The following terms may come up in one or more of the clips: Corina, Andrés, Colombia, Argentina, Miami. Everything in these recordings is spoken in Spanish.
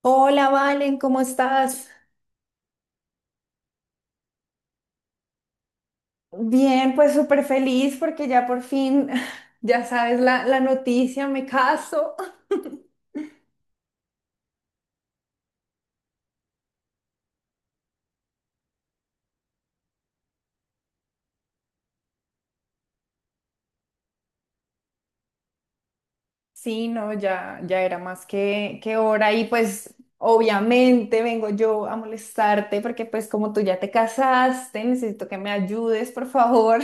Hola, Valen, ¿cómo estás? Bien, pues súper feliz porque ya por fin, ya sabes la noticia, me caso. Sí, no, ya, ya era más que hora y pues obviamente vengo yo a molestarte porque pues como tú ya te casaste, necesito que me ayudes, por favor.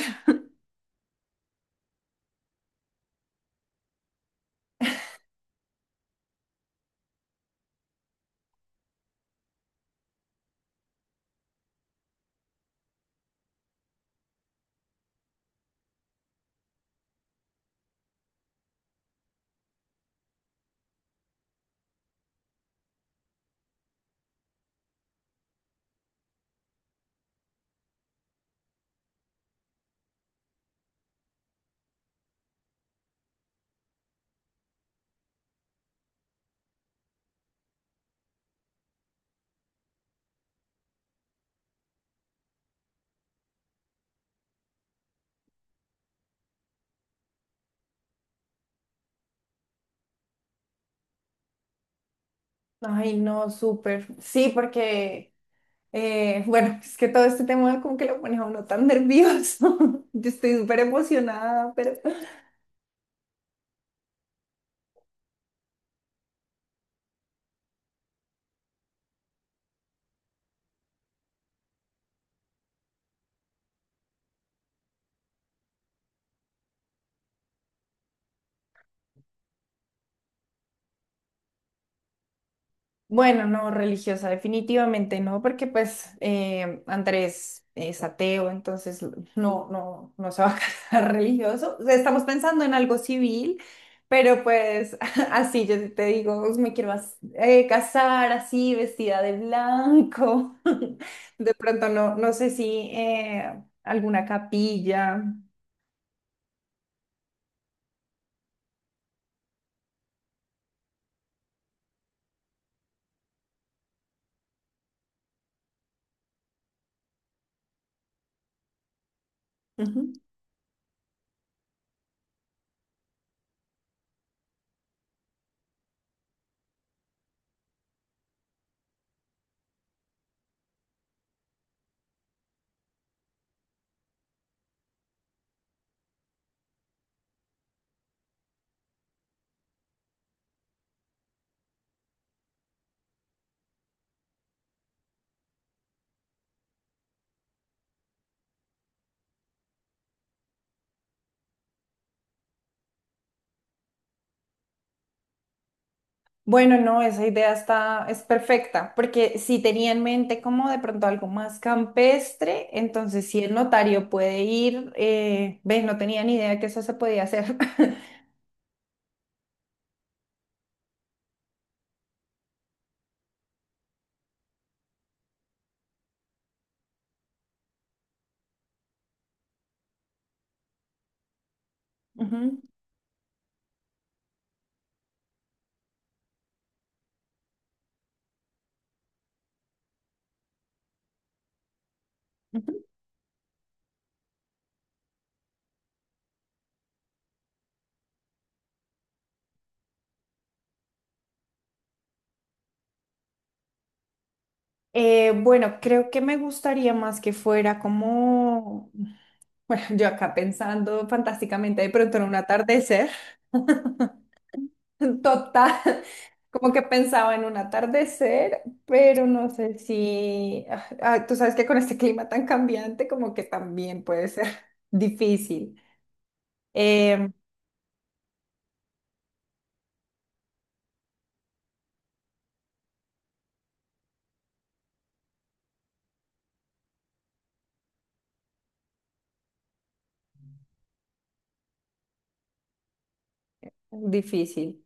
Ay, no, súper. Sí, porque, bueno, es que todo este tema como que lo pone a uno tan nervioso. Yo estoy súper emocionada, pero... Bueno, no, religiosa, definitivamente no, porque pues Andrés es ateo, entonces no se va a casar religioso. O sea, estamos pensando en algo civil, pero pues así yo te digo, me quiero casar así, vestida de blanco. De pronto no, no sé si alguna capilla. Bueno, no, esa idea está, es perfecta, porque si tenía en mente como de pronto algo más campestre, entonces si el notario puede ir, ves, no tenía ni idea que eso se podía hacer. Ujú, ujú. Bueno, creo que me gustaría más que fuera como, bueno, yo acá pensando fantásticamente de pronto en un atardecer total. Como que pensaba en un atardecer, pero no sé si, tú sabes que con este clima tan cambiante, como que también puede ser difícil. Em, difícil.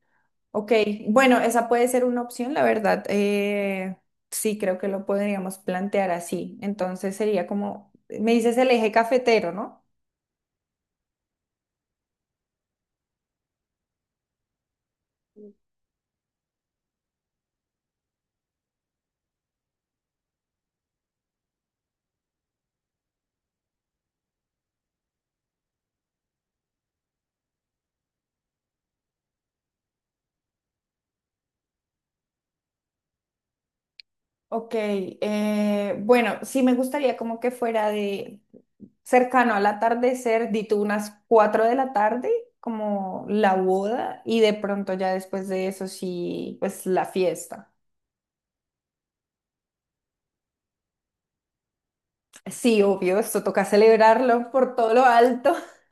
Ok, bueno, esa puede ser una opción, la verdad. Sí, creo que lo podríamos plantear así. Entonces sería como, me dices el eje cafetero, ¿no? Ok, bueno, sí me gustaría como que fuera de, cercano al atardecer, di tú unas 4 de la tarde, como la boda, y de pronto ya después de eso sí, pues la fiesta. Sí, obvio, esto toca celebrarlo por todo lo alto.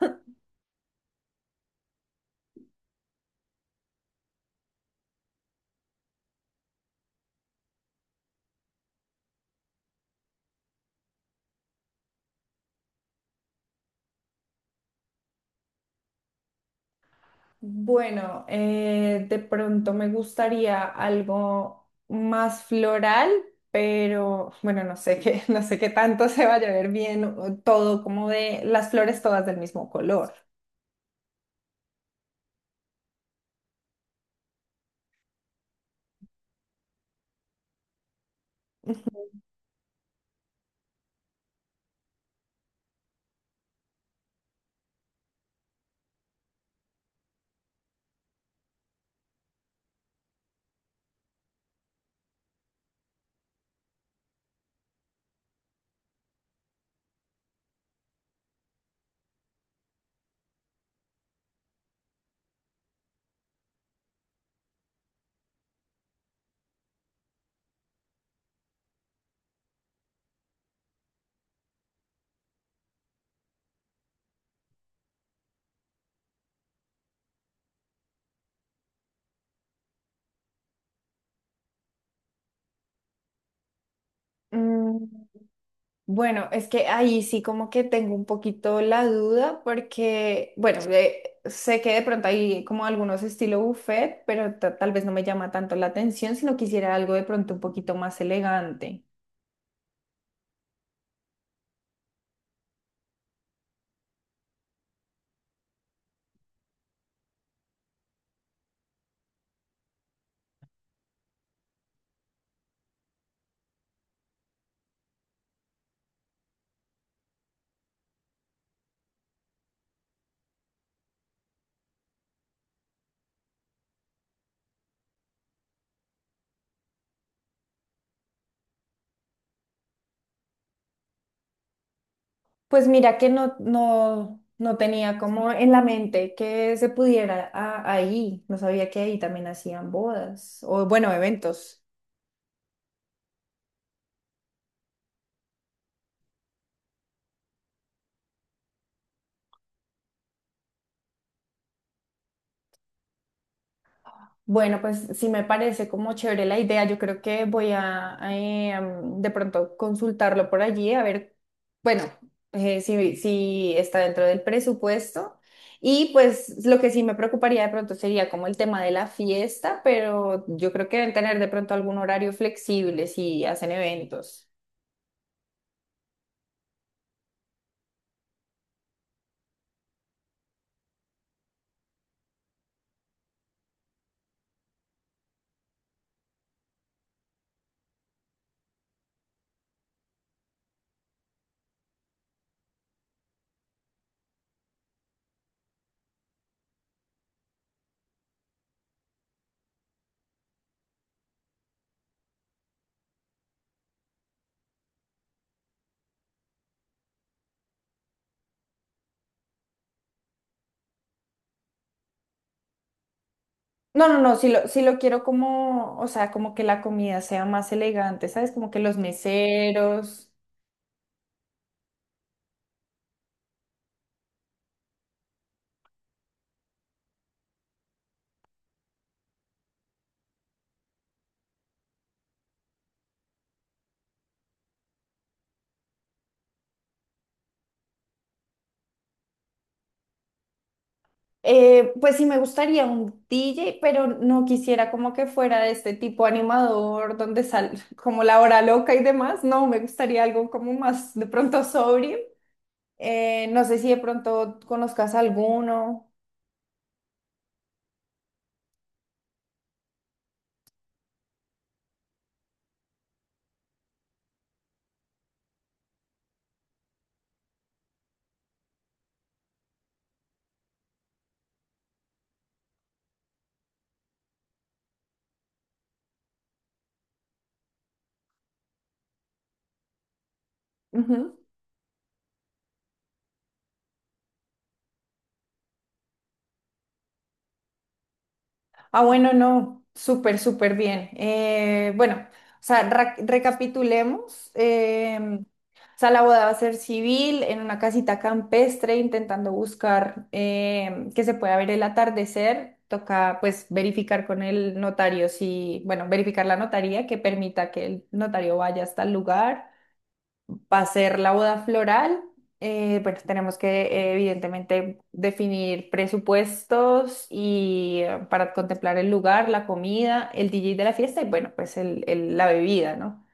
Bueno, de pronto me gustaría algo más floral, pero bueno, no sé qué, no sé qué tanto se vaya a ver bien, o todo como de las flores todas del mismo color. Bueno, es que ahí sí como que tengo un poquito la duda porque, bueno, sé que de pronto hay como algunos estilo buffet, pero tal vez no me llama tanto la atención, sino quisiera algo de pronto un poquito más elegante. Pues mira que no tenía como en la mente que se pudiera ahí, no sabía que ahí también hacían bodas o bueno, eventos. Bueno, pues sí me parece como chévere la idea. Yo creo que voy a, de pronto consultarlo por allí a ver. Bueno, si sí está dentro del presupuesto. Y pues lo que sí me preocuparía de pronto sería como el tema de la fiesta, pero yo creo que deben tener de pronto algún horario flexible si hacen eventos. No, no, no, si lo quiero como, o sea, como que la comida sea más elegante, ¿sabes? Como que los meseros. Pues sí me gustaría un DJ, pero no quisiera como que fuera de este tipo animador donde sale como la hora loca y demás. No, me gustaría algo como más de pronto sobrio. No sé si de pronto conozcas alguno. Ah, bueno, no, súper, súper bien. Bueno, o sea, recapitulemos. O sea, la boda va a ser civil en una casita campestre, intentando buscar que se pueda ver el atardecer. Toca, pues, verificar con el notario si, bueno, verificar la notaría que permita que el notario vaya hasta el lugar. Va a ser la boda floral. Bueno, tenemos que evidentemente definir presupuestos y para contemplar el lugar, la comida, el DJ de la fiesta y bueno, pues la bebida, ¿no?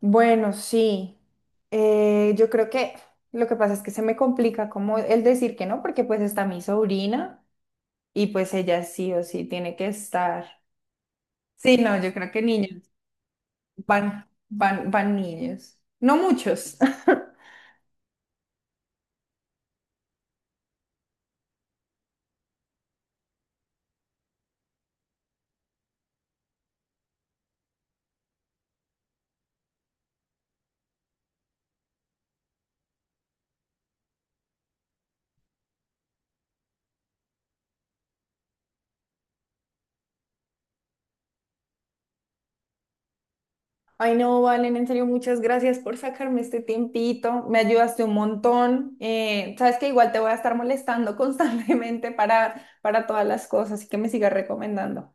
Bueno, sí. Yo creo que lo que pasa es que se me complica como el decir que no, porque pues está mi sobrina y pues ella sí o sí tiene que estar. Sí, no, yo creo que niños, van niños. No muchos. Ay, no, Valen, en serio, muchas gracias por sacarme este tiempito. Me ayudaste un montón. Sabes que igual te voy a estar molestando constantemente para todas las cosas, así que me sigas recomendando.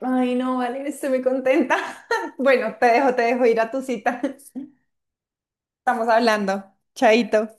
Ay, no, Valen, estoy muy contenta. Bueno, te dejo ir a tu cita. Estamos hablando. Chaito.